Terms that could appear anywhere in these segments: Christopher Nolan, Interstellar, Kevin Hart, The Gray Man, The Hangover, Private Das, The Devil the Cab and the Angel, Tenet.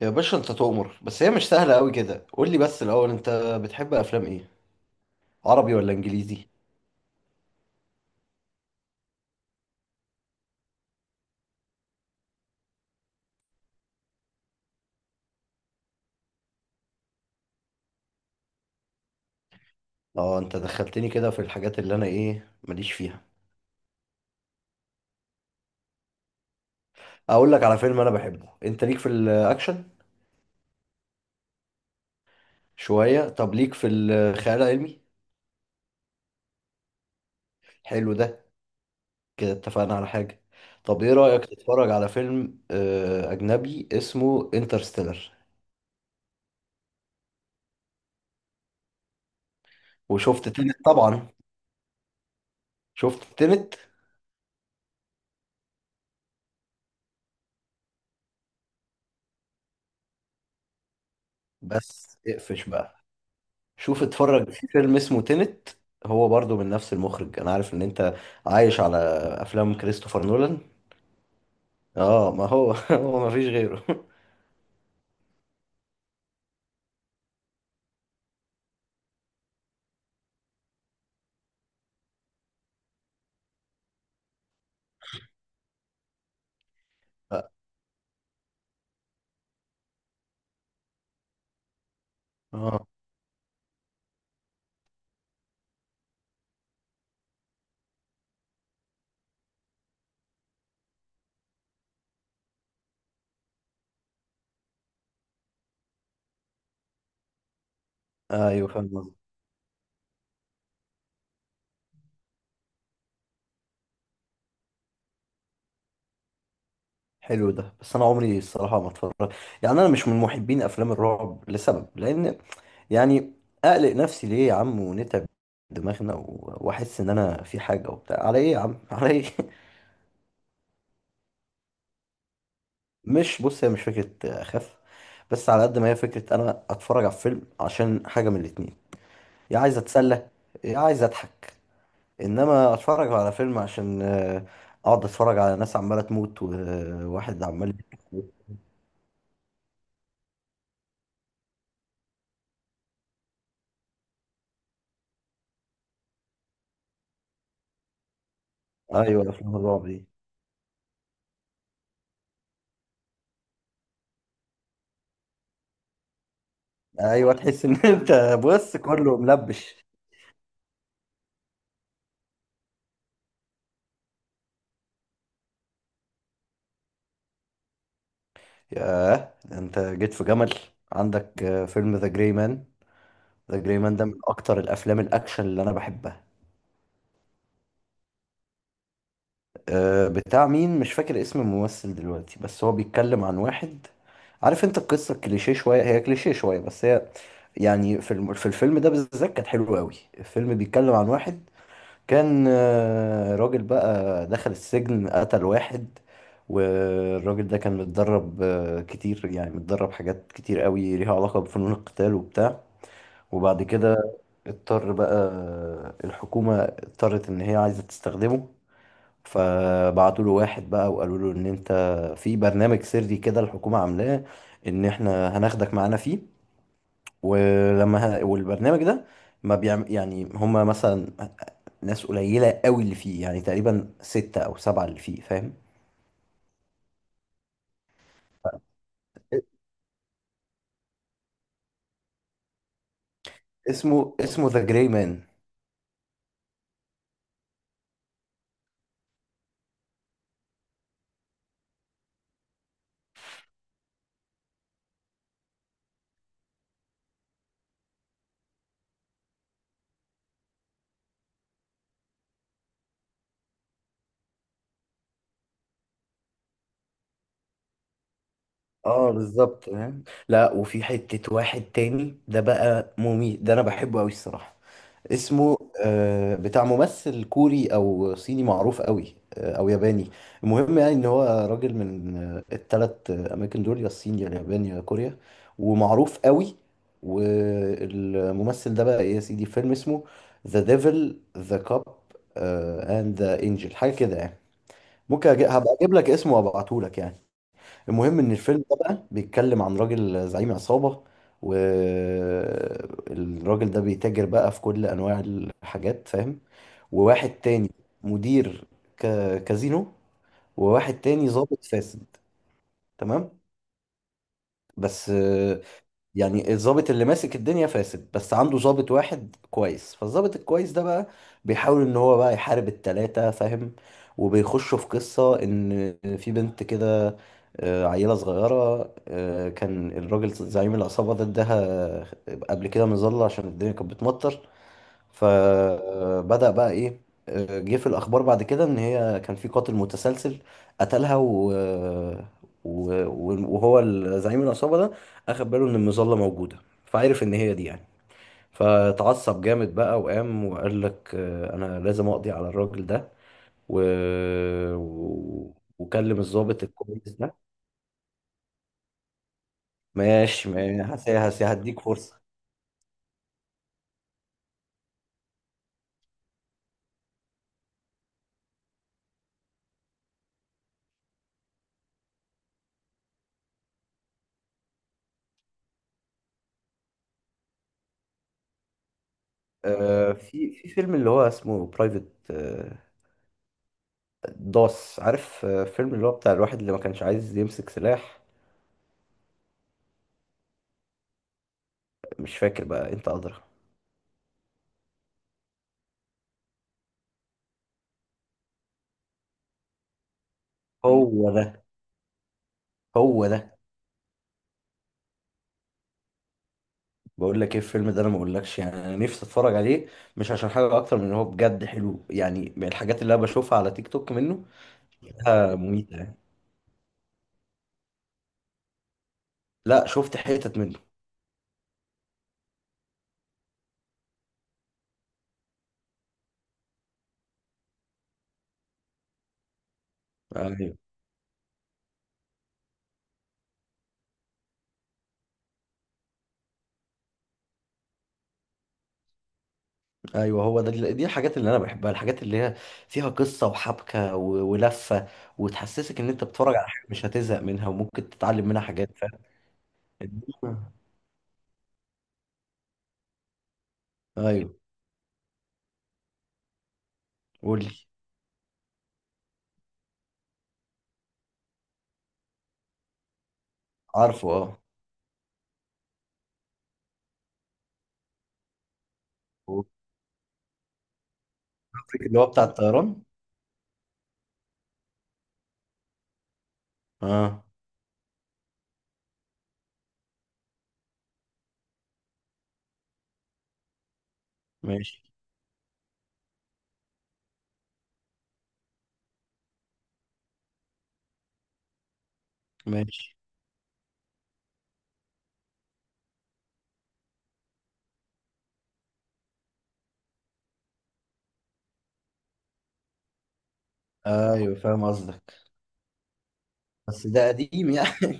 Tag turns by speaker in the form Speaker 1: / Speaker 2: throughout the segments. Speaker 1: يا باشا، انت تؤمر. بس هي مش سهلة قوي كده. قول لي بس الاول، انت بتحب افلام ايه؟ عربي ولا انجليزي؟ اه، انت دخلتني كده في الحاجات اللي انا ايه ماليش فيها. اقول لك على فيلم انا بحبه. انت ليك في الاكشن؟ شوية. طب ليك في الخيال العلمي؟ حلو ده. كده اتفقنا على حاجة. طب ايه رأيك تتفرج على فيلم اجنبي اسمه انترستيلر؟ وشفت تنت طبعا؟ شفت تنت. بس اقفش بقى. شوف، اتفرج في فيلم اسمه تينت. هو برضو من نفس المخرج. انا عارف ان انت عايش على افلام كريستوفر نولان. اه، ما هو هو ما فيش غيره. اه، ايوه، فاهم قصدك. حلو ده، بس انا عمري الصراحه ما اتفرج، يعني انا مش من محبين افلام الرعب لسبب، لان يعني اقلق نفسي ليه يا عم، ونتعب دماغنا، واحس ان انا في حاجه وبتاع، على ايه يا عم، على ايه؟ مش، بص، هي مش فكره اخاف. بس على قد ما هي فكره، انا اتفرج على فيلم عشان حاجه من الاتنين: يا عايز اتسلى، يا عايز اضحك. انما اتفرج على فيلم عشان اقعد اتفرج على ناس عماله تموت، وواحد عمال يضحك. ايوه، افلام الرعب دي. ايوه، تحس ان انت بص كله ملبش. ياه، ده انت جيت في جمل. عندك فيلم ذا جراي مان. ذا جراي مان ده من اكتر الافلام الاكشن اللي انا بحبها. بتاع مين مش فاكر اسم الممثل دلوقتي، بس هو بيتكلم عن واحد. عارف انت، القصة كليشيه شوية، هي كليشيه شوية بس هي، يعني في الفيلم ده بالذات كانت حلوة قوي. الفيلم بيتكلم عن واحد كان راجل بقى دخل السجن، قتل واحد. والراجل ده كان متدرب كتير، يعني متدرب حاجات كتير قوي ليها علاقة بفنون القتال وبتاع. وبعد كده اضطر بقى، الحكومة اضطرت إن هي عايزة تستخدمه. فبعتوا له واحد بقى وقالوا له ان انت في برنامج سري كده الحكومة عاملاه، ان احنا هناخدك معانا فيه. والبرنامج ده ما بيعمل، يعني هما مثلا ناس قليلة قوي اللي فيه، يعني تقريبا ستة او سبعة اللي فيه، فاهم؟ اسمه ذا جراي مان. اه، بالظبط فاهم. لا، وفي حتة واحد تاني ده بقى مميت، ده انا بحبه قوي الصراحة. اسمه بتاع ممثل كوري او صيني معروف قوي، او ياباني. المهم يعني ان هو راجل من التلات اماكن دول، يا الصين يا اليابان يا كوريا، ومعروف قوي. والممثل ده بقى إيه يا سيدي، فيلم اسمه ذا ديفل ذا كاب اند ذا انجل، حاجة كده يعني. هبقى اجيب لك اسمه وابعته لك يعني. المهم ان الفيلم ده بقى بيتكلم عن راجل زعيم عصابة. والراجل ده بيتاجر بقى في كل انواع الحاجات، فاهم؟ وواحد تاني مدير كازينو، وواحد تاني ضابط فاسد. تمام، بس يعني الضابط اللي ماسك الدنيا فاسد، بس عنده ضابط واحد كويس، فالضابط الكويس ده بقى بيحاول ان هو بقى يحارب التلاتة، فاهم؟ وبيخشوا في قصة ان في بنت كده، عيلة صغيرة، كان الراجل زعيم العصابة ده اداها قبل كده مظلة عشان الدنيا كانت بتمطر. فبدأ بقى ايه، جه في الاخبار بعد كده ان هي كان في قاتل متسلسل قتلها، وهو زعيم العصابة ده اخد باله ان المظلة موجودة، فعرف ان هي دي يعني. فتعصب جامد بقى وقام وقال لك، انا لازم اقضي على الراجل ده، و... وكلم الضابط الكويس ده. ماشي، هديك فرصة. في فيلم اللي هو اسمه برايفت داس. عارف فيلم اللي هو بتاع الواحد اللي ما كانش عايز يمسك سلاح؟ مش فاكر بقى، انت ادرى. هو ده. هو ده. بقول لك ايه، الفيلم ده انا ما اقولكش، يعني انا نفسي اتفرج عليه، مش عشان حاجه اكتر من ان هو بجد حلو، يعني من الحاجات اللي انا بشوفها على تيك توك منه. مميته يعني. لا، شفت حتت منه. ايوه، ايوه، هو ده. دي الحاجات اللي انا بحبها، الحاجات اللي هي فيها قصه وحبكه ولفه، وتحسسك ان انت بتتفرج على حاجه مش هتزهق منها، وممكن تتعلم منها حاجات، فاهم؟ ايوه، قول لي. عارفه، اه. هو قصدك اللي هو بتاع الطيران؟ اه، ماشي ماشي. ايوه، فاهم قصدك. بس ده قديم يعني.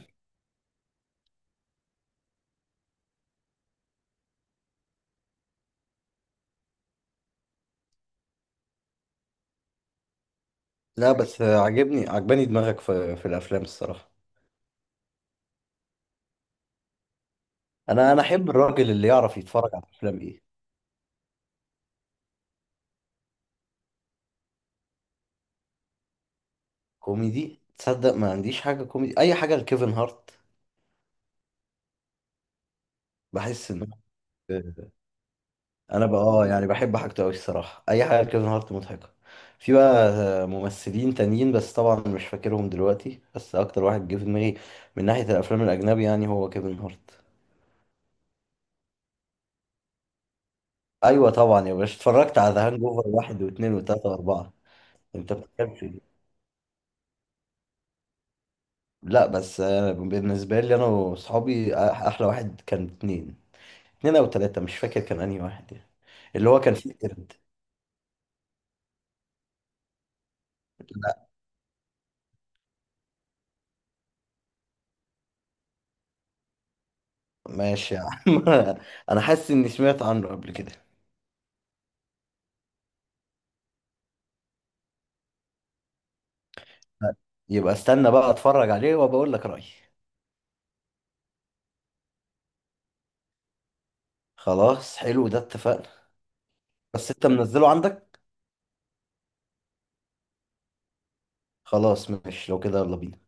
Speaker 1: لا، بس عجبني، عجباني دماغك في الافلام الصراحه. انا احب الراجل اللي يعرف يتفرج على افلام ايه. كوميدي؟ تصدق، ما عنديش حاجه كوميدي، اي حاجه لكيفن هارت. بحس ان انا بقى اه يعني بحب حاجته قوي الصراحه، اي حاجه لكيفن هارت مضحكه. في بقى ممثلين تانيين بس طبعا مش فاكرهم دلوقتي، بس اكتر واحد جه في دماغي من ناحيه الافلام الاجنبي يعني هو كيفن هارت. ايوه طبعا يا باشا، اتفرجت على ذا هانج اوفر واحد واثنين وثلاثه واربعه. انت بتتكلم في دي؟ لا بس، أنا بالنسبه لي، انا واصحابي احلى واحد كان اثنين. اثنين او ثلاثه، مش فاكر كان انهي واحد يعني. اللي هو كان فيه قرد. لا. ماشي يا عم. انا حاسس اني سمعت عنه قبل كده. لا، يبقى استنى بقى اتفرج عليه، وبقول لك رايي. خلاص، حلو ده، اتفقنا. بس انت منزله عندك؟ خلاص ماشي، لو كده يلا بينا.